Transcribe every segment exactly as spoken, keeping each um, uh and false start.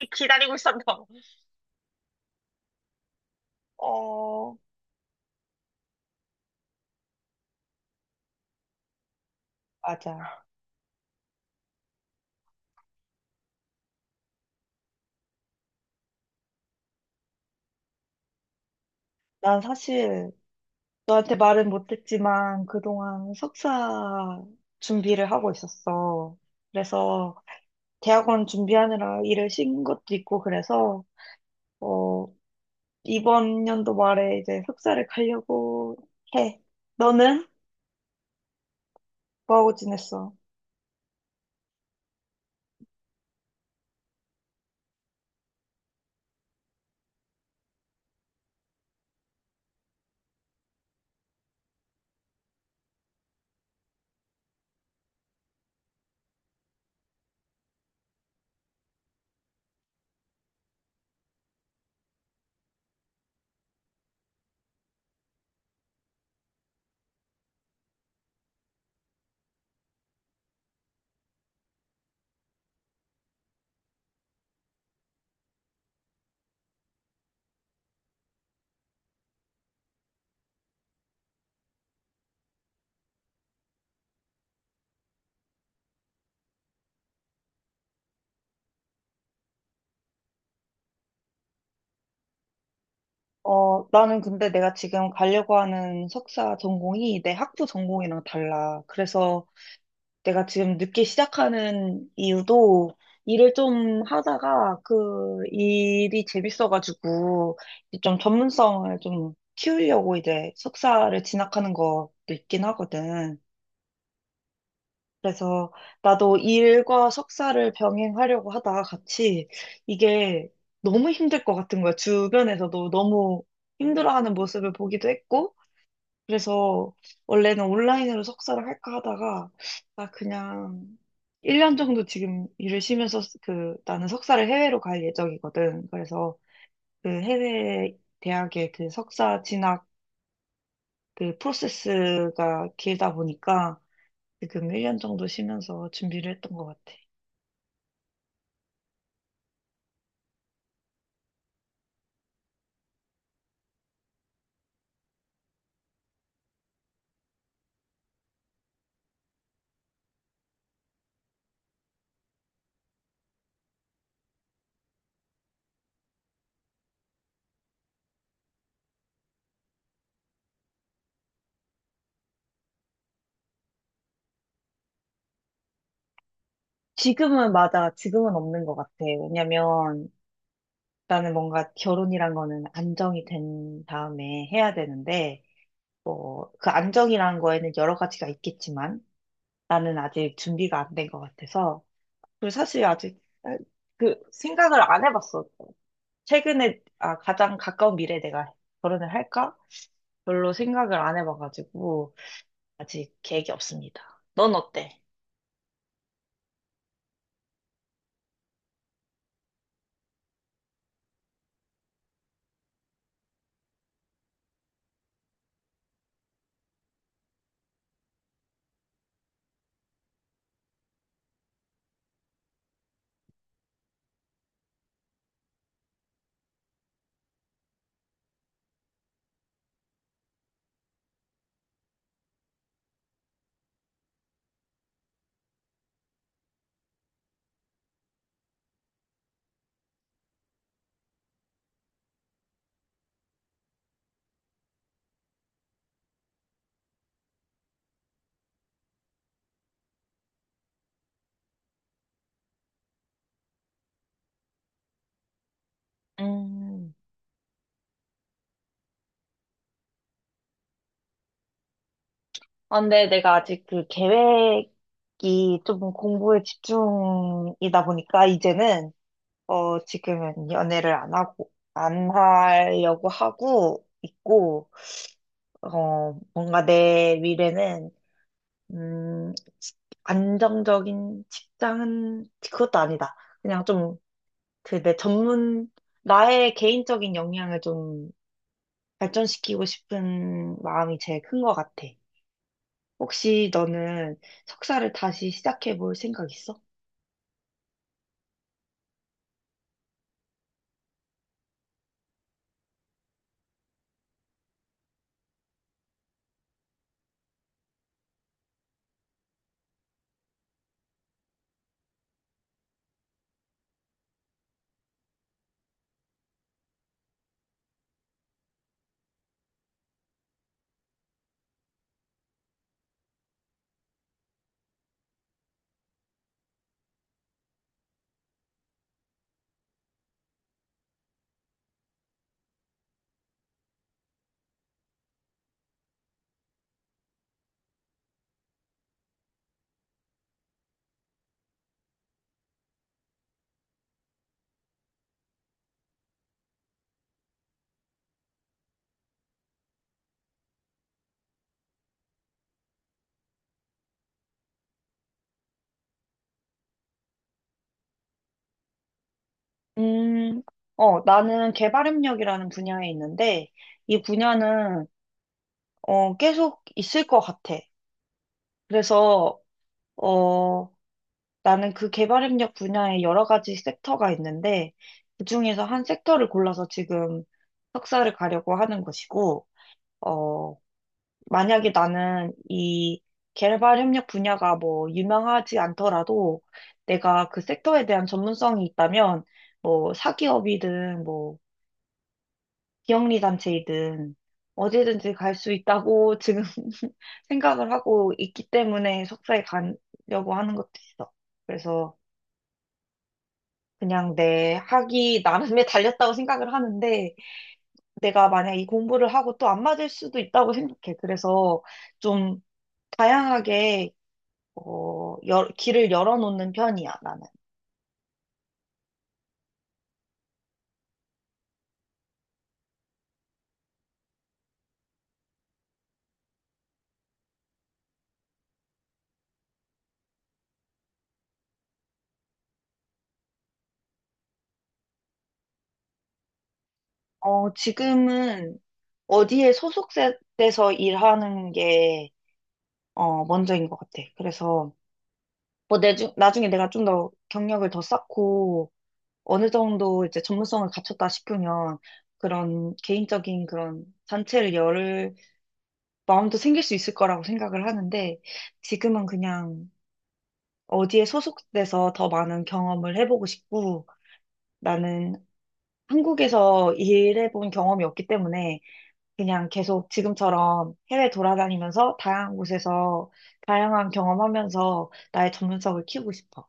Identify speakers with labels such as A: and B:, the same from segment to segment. A: 기다리고 있었나? 어, 맞아. 난 사실 너한테 말은 못했지만 그동안 석사 준비를 하고 있었어. 그래서 대학원 준비하느라 일을 쉰 것도 있고 그래서 어, 이번 연도 말에 이제 석사를 가려고 해. 너는 뭐하고 지냈어? 어, 나는 근데 내가 지금 가려고 하는 석사 전공이 내 학부 전공이랑 달라. 그래서 내가 지금 늦게 시작하는 이유도 일을 좀 하다가 그 일이 재밌어가지고 이제 좀 전문성을 좀 키우려고 이제 석사를 진학하는 것도 있긴 하거든. 그래서 나도 일과 석사를 병행하려고 하다가 같이 이게 너무 힘들 것 같은 거야. 주변에서도 너무 힘들어하는 모습을 보기도 했고 그래서 원래는 온라인으로 석사를 할까 하다가 나 그냥 일 년 정도 지금 일을 쉬면서 그 나는 석사를 해외로 갈 예정이거든. 그래서 그 해외 대학의 그 석사 진학 그 프로세스가 길다 보니까 지금 일 년 정도 쉬면서 준비를 했던 것 같아. 지금은 맞아. 지금은 없는 것 같아. 왜냐면 나는 뭔가 결혼이란 거는 안정이 된 다음에 해야 되는데 뭐, 그 안정이라는 거에는 여러 가지가 있겠지만, 나는 아직 준비가 안 된 것 같아서. 그리고 사실 아직, 아, 그, 생각을 안 해봤어. 최근에, 아, 가장 가까운 미래에 내가 결혼을 할까? 별로 생각을 안 해봐가지고, 아직 계획이 없습니다. 넌 어때? 음, 아, 근데 내가 아직 그 계획이 좀 공부에 집중이다 보니까, 이제는, 어, 지금은 연애를 안 하고, 안 하려고 하고 있고, 어, 뭔가 내 미래는, 음, 안정적인 직장은 그것도 아니다. 그냥 좀, 그 내 전문, 나의 개인적인 역량을 좀 발전시키고 싶은 마음이 제일 큰 것 같아. 혹시 너는 석사를 다시 시작해 볼 생각 있어? 음, 어, 나는 개발협력이라는 분야에 있는데, 이 분야는 어, 계속 있을 것 같아. 그래서, 어, 나는 그 개발 협력 분야에 여러 가지 섹터가 있는데, 그 중에서 한 섹터를 골라서 지금 석사를 가려고 하는 것이고, 어, 만약에 나는 이 개발 협력 분야가 뭐 유명하지 않더라도 내가 그 섹터에 대한 전문성이 있다면, 뭐 사기업이든 뭐 비영리 단체이든 어디든지 갈 수 있다고 지금 생각을 하고 있기 때문에 석사에 가려고 하는 것도 있어. 그래서 그냥 내 학이 나름에 달렸다고 생각을 하는데 내가 만약 이 공부를 하고 또 안 맞을 수도 있다고 생각해. 그래서 좀 다양하게 어, 여- 길을 열어놓는 편이야, 나는. 어, 지금은 어디에 소속돼서 일하는 게 어, 먼저인 것 같아. 그래서 뭐 내중, 나중에 내가 좀 더 경력을 더 쌓고 어느 정도 이제 전문성을 갖췄다 싶으면 그런 개인적인 그런 단체를 열 마음도 생길 수 있을 거라고 생각을 하는데 지금은 그냥 어디에 소속돼서 더 많은 경험을 해보고 싶고 나는 한국에서 일해본 경험이 없기 때문에 그냥 계속 지금처럼 해외 돌아다니면서 다양한 곳에서 다양한 경험하면서 나의 전문성을 키우고 싶어.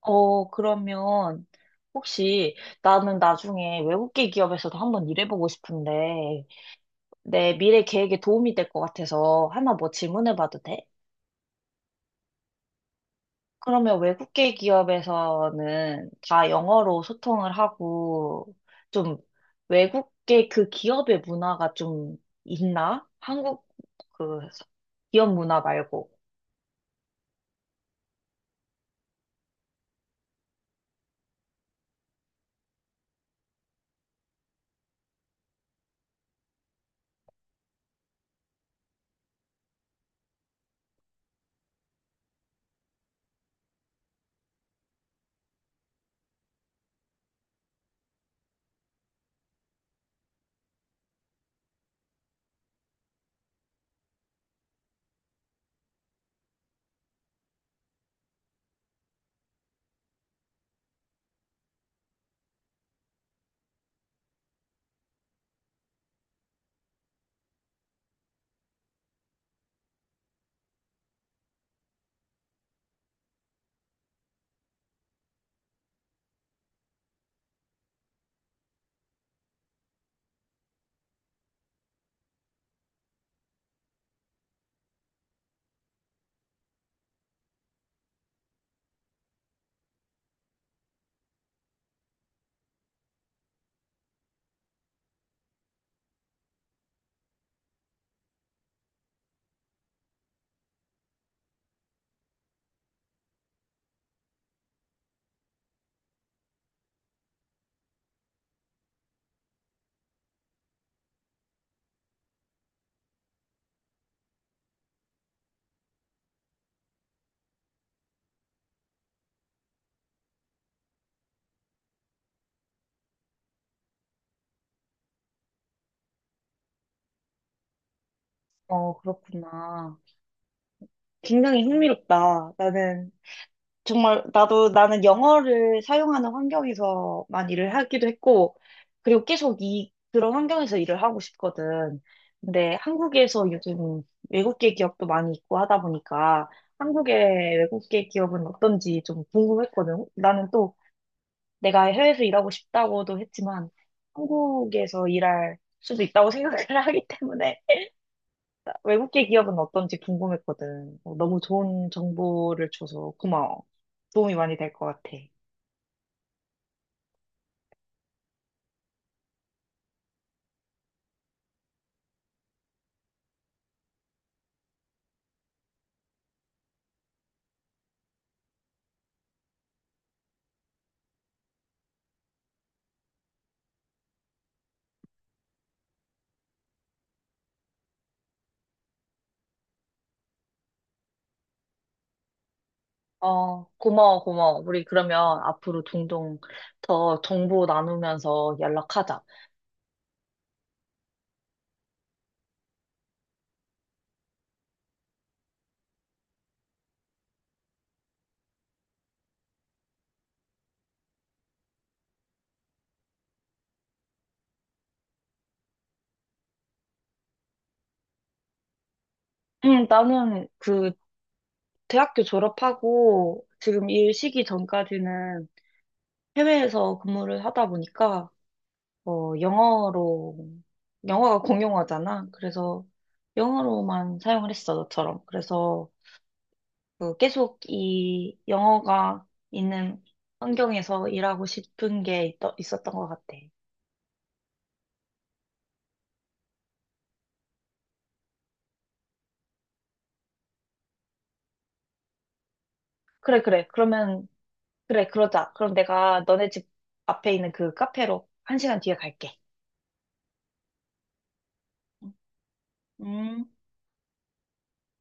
A: 어, 그러면 혹시 나는 나중에 외국계 기업에서도 한번 일해보고 싶은데 내 미래 계획에 도움이 될 것 같아서 하나 뭐 질문해봐도 돼? 그러면 외국계 기업에서는 다 영어로 소통을 하고 좀 외국계 그 기업의 문화가 좀 있나? 한국 그 기업 문화 말고. 어, 그렇구나. 굉장히 흥미롭다. 나는 정말 나도 나는 영어를 사용하는 환경에서만 일을 하기도 했고, 그리고 계속 이 그런 환경에서 일을 하고 싶거든. 근데 한국에서 요즘 외국계 기업도 많이 있고 하다 보니까 한국의 외국계 기업은 어떤지 좀 궁금했거든. 나는 또 내가 해외에서 일하고 싶다고도 했지만 한국에서 일할 수도 있다고 생각을 하기 때문에 외국계 기업은 어떤지 궁금했거든. 어, 너무 좋은 정보를 줘서 고마워. 도움이 많이 될 것 같아. 어, 고마워, 고마워. 우리 그러면 앞으로 종종 더 정보 나누면서 연락하자. 응, 나는 그 대학교 졸업하고 지금 일 시기 전까지는 해외에서 근무를 하다 보니까, 어, 영어로, 영어가 공용어잖아. 그래서 영어로만 사용을 했어, 너처럼. 그래서 그 계속 이 영어가 있는 환경에서 일하고 싶은 게 있- 있었던 것 같아. 그래, 그래. 그러면 그래, 그러자. 그럼 내가 너네 집 앞에 있는 그 카페로 한 시간 뒤에 갈게. 음.